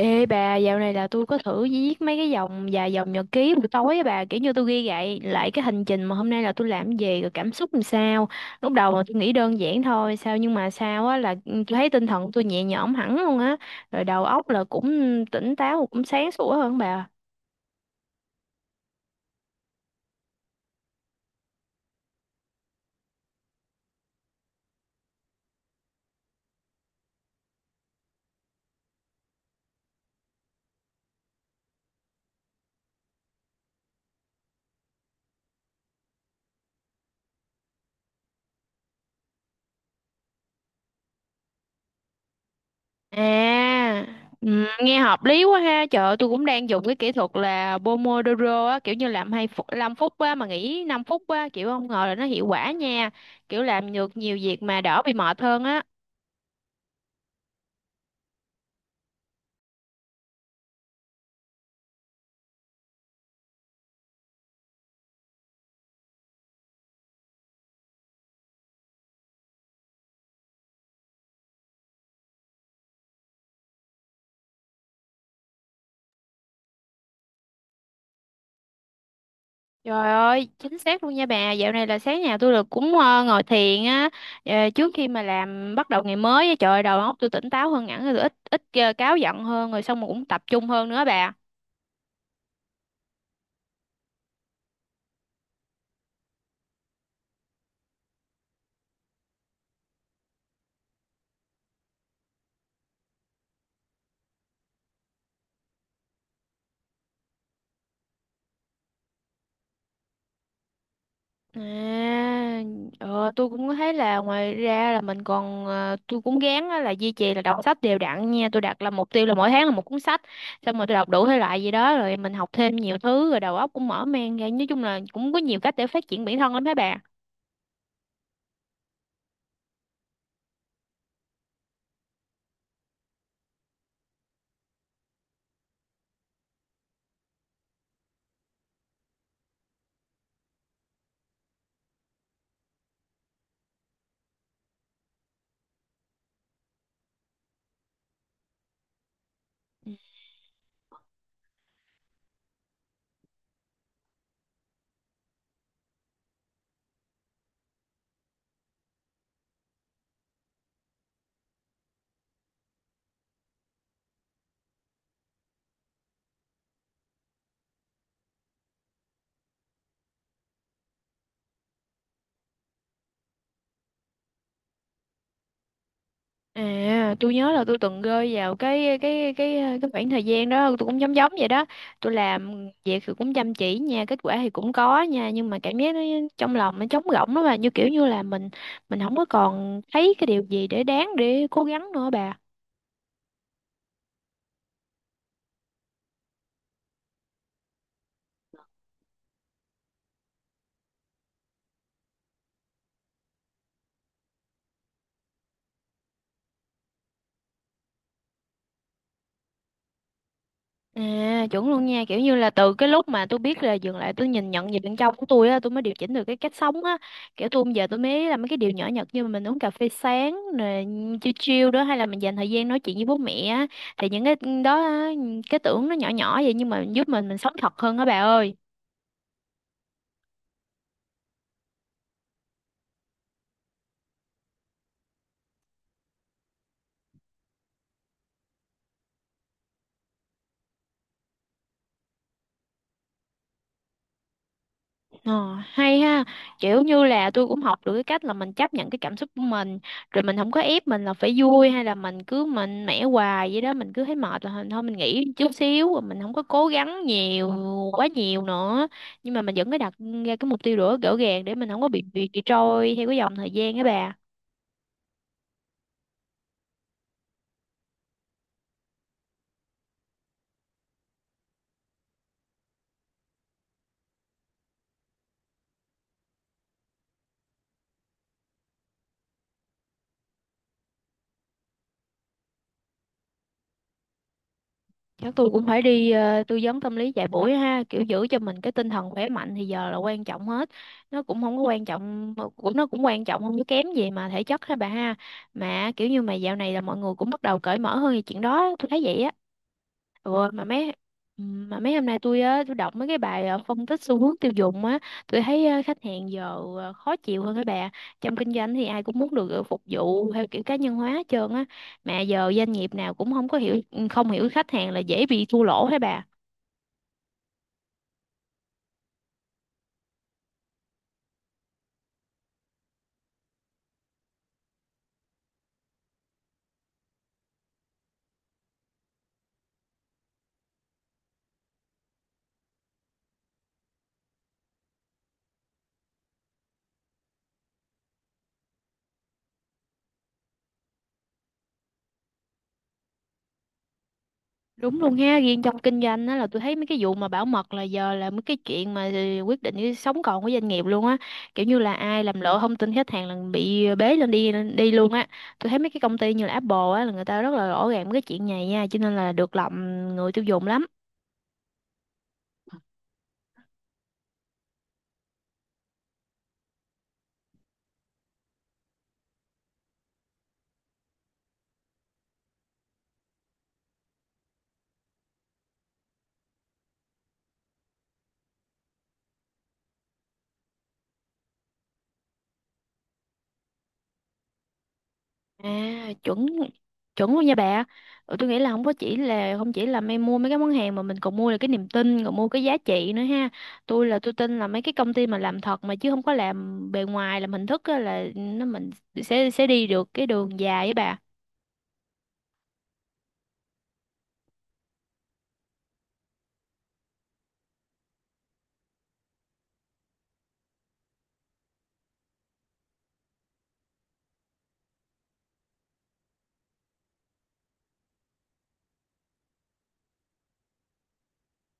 Ê bà, dạo này là tôi có thử viết mấy cái dòng vài dòng nhật ký buổi tối á bà, kiểu như tôi ghi lại lại cái hành trình mà hôm nay là tôi làm gì rồi cảm xúc làm sao. Lúc đầu là tôi nghĩ đơn giản thôi, sao nhưng mà sao á là tôi thấy tinh thần tôi nhẹ nhõm hẳn luôn á, rồi đầu óc là cũng tỉnh táo cũng sáng sủa hơn bà. À, ừ, nghe hợp lý quá ha. Trời ơi, tôi cũng đang dùng cái kỹ thuật là Pomodoro á, kiểu như làm 2 phút, 5 phút á mà nghỉ 5 phút á, kiểu không ngờ là nó hiệu quả nha. Kiểu làm được nhiều việc mà đỡ bị mệt hơn á. Trời ơi, chính xác luôn nha bà. Dạo này là sáng nào tôi được cũng ngồi thiền á, trước khi mà làm bắt đầu ngày mới á, trời ơi, đầu óc tôi tỉnh táo hơn hẳn rồi, tôi ít ít ờ, cáu giận hơn rồi xong rồi cũng tập trung hơn nữa bà. À, tôi cũng thấy là ngoài ra là mình còn tôi cũng gán á là duy trì là đọc sách đều đặn nha. Tôi đặt là mục tiêu là mỗi tháng là một cuốn sách, xong rồi tôi đọc đủ thể loại gì đó rồi mình học thêm nhiều thứ rồi đầu óc cũng mở mang ra. Nói chung là cũng có nhiều cách để phát triển bản thân lắm các bạn. À, tôi nhớ là tôi từng rơi vào cái khoảng thời gian đó, tôi cũng giống giống vậy đó. Tôi làm việc thì cũng chăm chỉ nha, kết quả thì cũng có nha, nhưng mà cảm giác nó trong lòng nó trống rỗng đó, mà như kiểu như là mình không có còn thấy cái điều gì để đáng để cố gắng nữa bà. À, chuẩn luôn nha. Kiểu như là từ cái lúc mà tôi biết là dừng lại, tôi nhìn nhận về bên trong của tôi á, tôi mới điều chỉnh được cái cách sống á. Kiểu tôi bây giờ tôi mới làm mấy cái điều nhỏ nhặt, như mình uống cà phê sáng nè, chill chill đó, hay là mình dành thời gian nói chuyện với bố mẹ á. Thì những cái đó á, cái tưởng nó nhỏ nhỏ vậy nhưng mà giúp mình sống thật hơn á bà ơi. Ờ, hay ha, kiểu như là tôi cũng học được cái cách là mình chấp nhận cái cảm xúc của mình, rồi mình không có ép mình là phải vui hay là mình cứ mạnh mẽ hoài vậy đó. Mình cứ thấy mệt là thôi mình nghỉ chút xíu, rồi mình không có cố gắng nhiều quá nhiều nữa, nhưng mà mình vẫn có đặt ra cái mục tiêu rõ rõ ràng để mình không có bị trôi theo cái dòng thời gian á bà. Chắc tôi cũng phải đi tư vấn tâm lý vài buổi ha, kiểu giữ cho mình cái tinh thần khỏe mạnh thì giờ là quan trọng hết. Nó cũng không có quan trọng, cũng nó cũng quan trọng không có kém gì mà thể chất ha bà ha. Mà kiểu như mà dạo này là mọi người cũng bắt đầu cởi mở hơn về chuyện đó, tôi thấy vậy á. Ừ, mà mấy hôm nay tôi á tôi đọc mấy cái bài phân tích xu hướng tiêu dùng á, tôi thấy khách hàng giờ khó chịu hơn các bà. Trong kinh doanh thì ai cũng muốn được phục vụ theo kiểu cá nhân hóa hết trơn á, mà giờ doanh nghiệp nào cũng không có hiểu không hiểu khách hàng là dễ bị thua lỗ hả bà đúng luôn ha riêng trong kinh doanh á là tôi thấy mấy cái vụ mà bảo mật là giờ là mấy cái chuyện mà ờ, quyết định cái sống còn của doanh nghiệp luôn á. Kiểu như là ai làm lộ thông tin khách hàng là bị bế lên đi đi luôn á. Tôi thấy mấy cái công ty như là Apple á là người ta rất là rõ ràng mấy cái chuyện này nha, cho nên là được lòng người tiêu dùng lắm. À, chuẩn chuẩn luôn nha bà. Ừ, tôi nghĩ là không chỉ là em mua mấy cái món hàng, mà mình còn mua được cái niềm tin, còn mua cái giá trị nữa ha. Tôi là tôi tin là mấy cái công ty mà làm thật mà chứ không có làm bề ngoài làm hình thức á, là nó mình sẽ đi được cái đường dài với bà.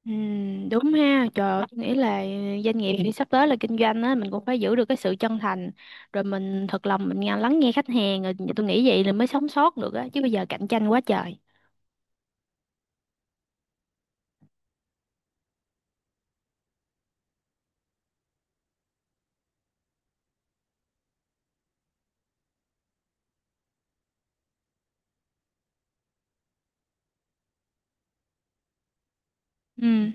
Ừ, đúng ha. Trời ơi, tôi nghĩ là doanh nghiệp thì sắp tới là kinh doanh á, mình cũng phải giữ được cái sự chân thành, rồi mình thật lòng mình lắng nghe khách hàng, rồi tôi nghĩ vậy là mới sống sót được á, chứ bây giờ cạnh tranh quá trời. Ừ.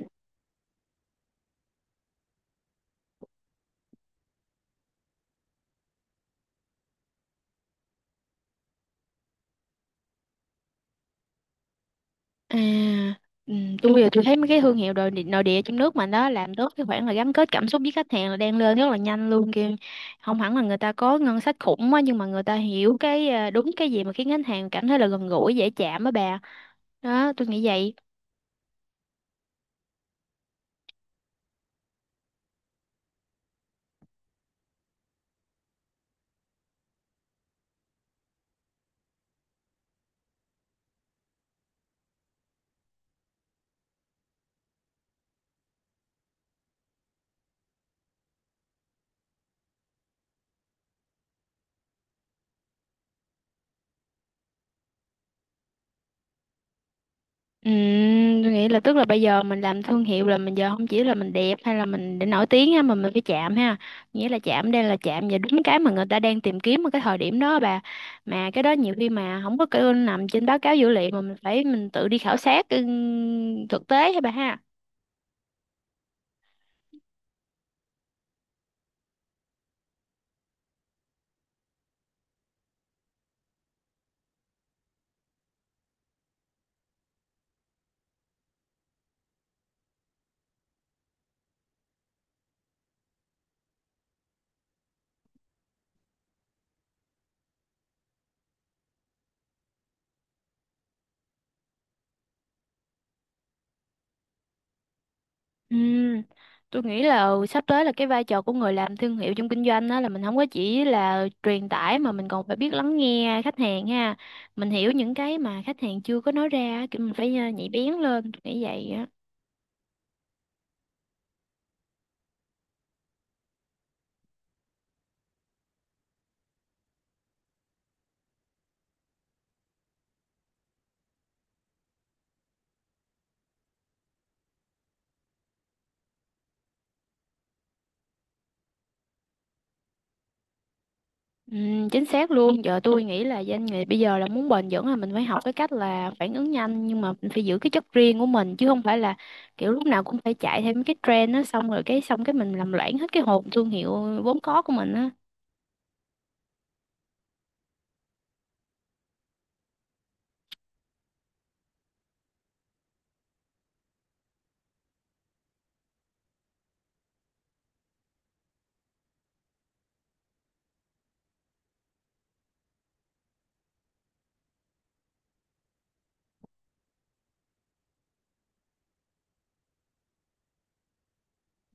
À, ừ, tôi bây giờ tôi thấy mấy cái thương hiệu nội địa, trong nước mà đó làm tốt cái khoản là gắn kết cảm xúc với khách hàng là đang lên rất là nhanh luôn kìa. Không hẳn là người ta có ngân sách khủng á, nhưng mà người ta hiểu cái à, đúng cái gì mà khiến khách hàng cảm thấy là gần gũi dễ chạm á bà. Đó, tôi nghĩ vậy. Ừ, tôi nghĩ là tức là bây giờ mình làm thương hiệu là mình giờ không chỉ là mình đẹp hay là mình để nổi tiếng ha, mà mình phải chạm ha. Nghĩa là chạm đây là chạm và đúng cái mà người ta đang tìm kiếm ở cái thời điểm đó bà. Mà cái đó nhiều khi mà không có cái nằm trên báo cáo dữ liệu, mà mình phải mình tự đi khảo sát thực tế hả bà ha. Ừm, tôi nghĩ là ừ, sắp tới là cái vai trò của người làm thương hiệu trong kinh doanh đó là mình không có chỉ là truyền tải, mà mình còn phải biết lắng nghe khách hàng ha. Mình hiểu những cái mà khách hàng chưa có nói ra á, kiểu mình phải nhạy bén lên, tôi nghĩ vậy á. Chính xác luôn. Giờ tôi nghĩ là doanh nghiệp bây giờ là muốn bền vững là mình phải học cái cách là phản ứng nhanh, nhưng mà mình phải giữ cái chất riêng của mình, chứ không phải là kiểu lúc nào cũng phải chạy theo mấy cái trend đó, xong rồi cái xong cái mình làm loãng hết cái hồn thương hiệu vốn có của mình á.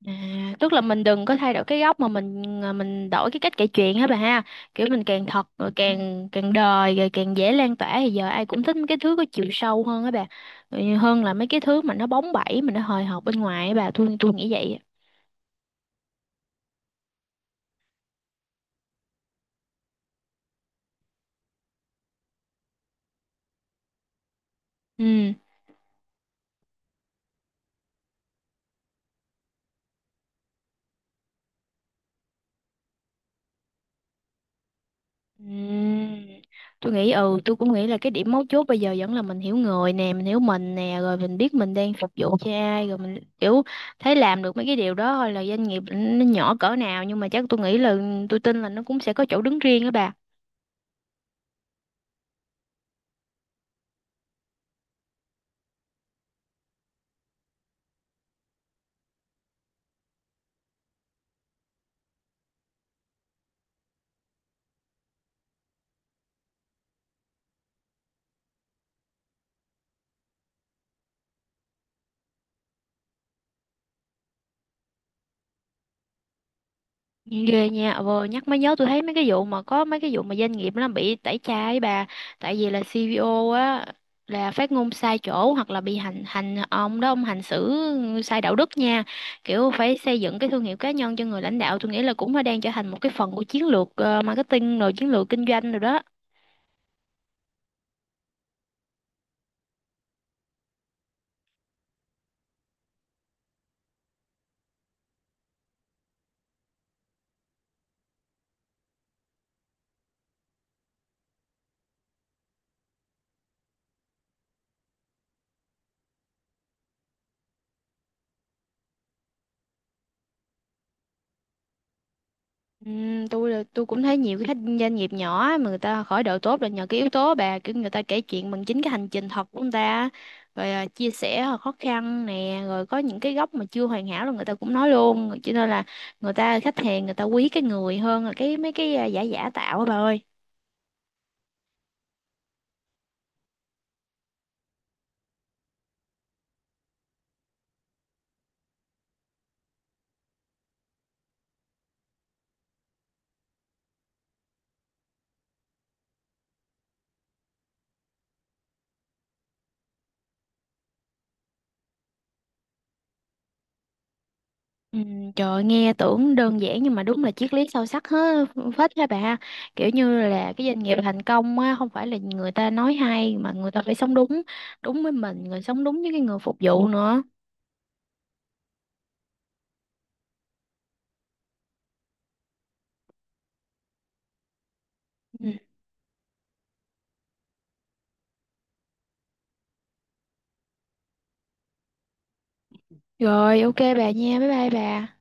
À, tức là mình đừng có thay đổi cái góc mà mình à, mình đổi cái cách kể chuyện hả bà ha. Kiểu mình càng thật rồi càng càng đời rồi càng dễ lan tỏa, thì giờ ai cũng thích mấy cái thứ có chiều sâu hơn á bà. Ừ, hơn là mấy cái thứ mà nó bóng bẩy mà nó hời hợt bên ngoài á bà, tôi nghĩ vậy á. Ừ. Ừm, tôi nghĩ ừ tôi cũng nghĩ là cái điểm mấu chốt bây giờ vẫn là mình hiểu người nè, mình hiểu mình nè, rồi mình biết mình đang phục vụ cho ai, rồi mình kiểu thấy làm được mấy cái điều đó thôi là doanh nghiệp nó nhỏ cỡ nào, nhưng mà chắc tôi nghĩ là tôi tin là nó cũng sẽ có chỗ đứng riêng á bà. Ghê nha, vừa nhắc mới nhớ tôi thấy mấy cái vụ mà có mấy cái vụ mà doanh nghiệp nó bị tẩy chay bà, tại vì là CVO á là phát ngôn sai chỗ, hoặc là bị hành hành ông đó ông hành xử sai đạo đức nha. Kiểu phải xây dựng cái thương hiệu cá nhân cho người lãnh đạo, tôi nghĩ là cũng đã đang trở thành một cái phần của chiến lược marketing, rồi chiến lược kinh doanh rồi đó. Tôi là tôi cũng thấy nhiều cái doanh nghiệp nhỏ mà người ta khởi đầu tốt là nhờ cái yếu tố bà, kiểu người ta kể chuyện bằng chính cái hành trình thật của người ta, rồi à, chia sẻ khó khăn nè, rồi có những cái góc mà chưa hoàn hảo là người ta cũng nói luôn, cho nên là người ta khách hàng người ta quý cái người hơn là cái mấy cái à, giả giả tạo á bà ơi. Ừ, trời ơi, nghe tưởng đơn giản nhưng mà đúng là triết lý sâu sắc hết phết ha bà. Kiểu như là cái doanh nghiệp thành công á không phải là người ta nói hay, mà người ta phải sống đúng, đúng với mình, người sống đúng với cái người phục vụ nữa. Ừ. Rồi, ok bà nha, bye bye bà.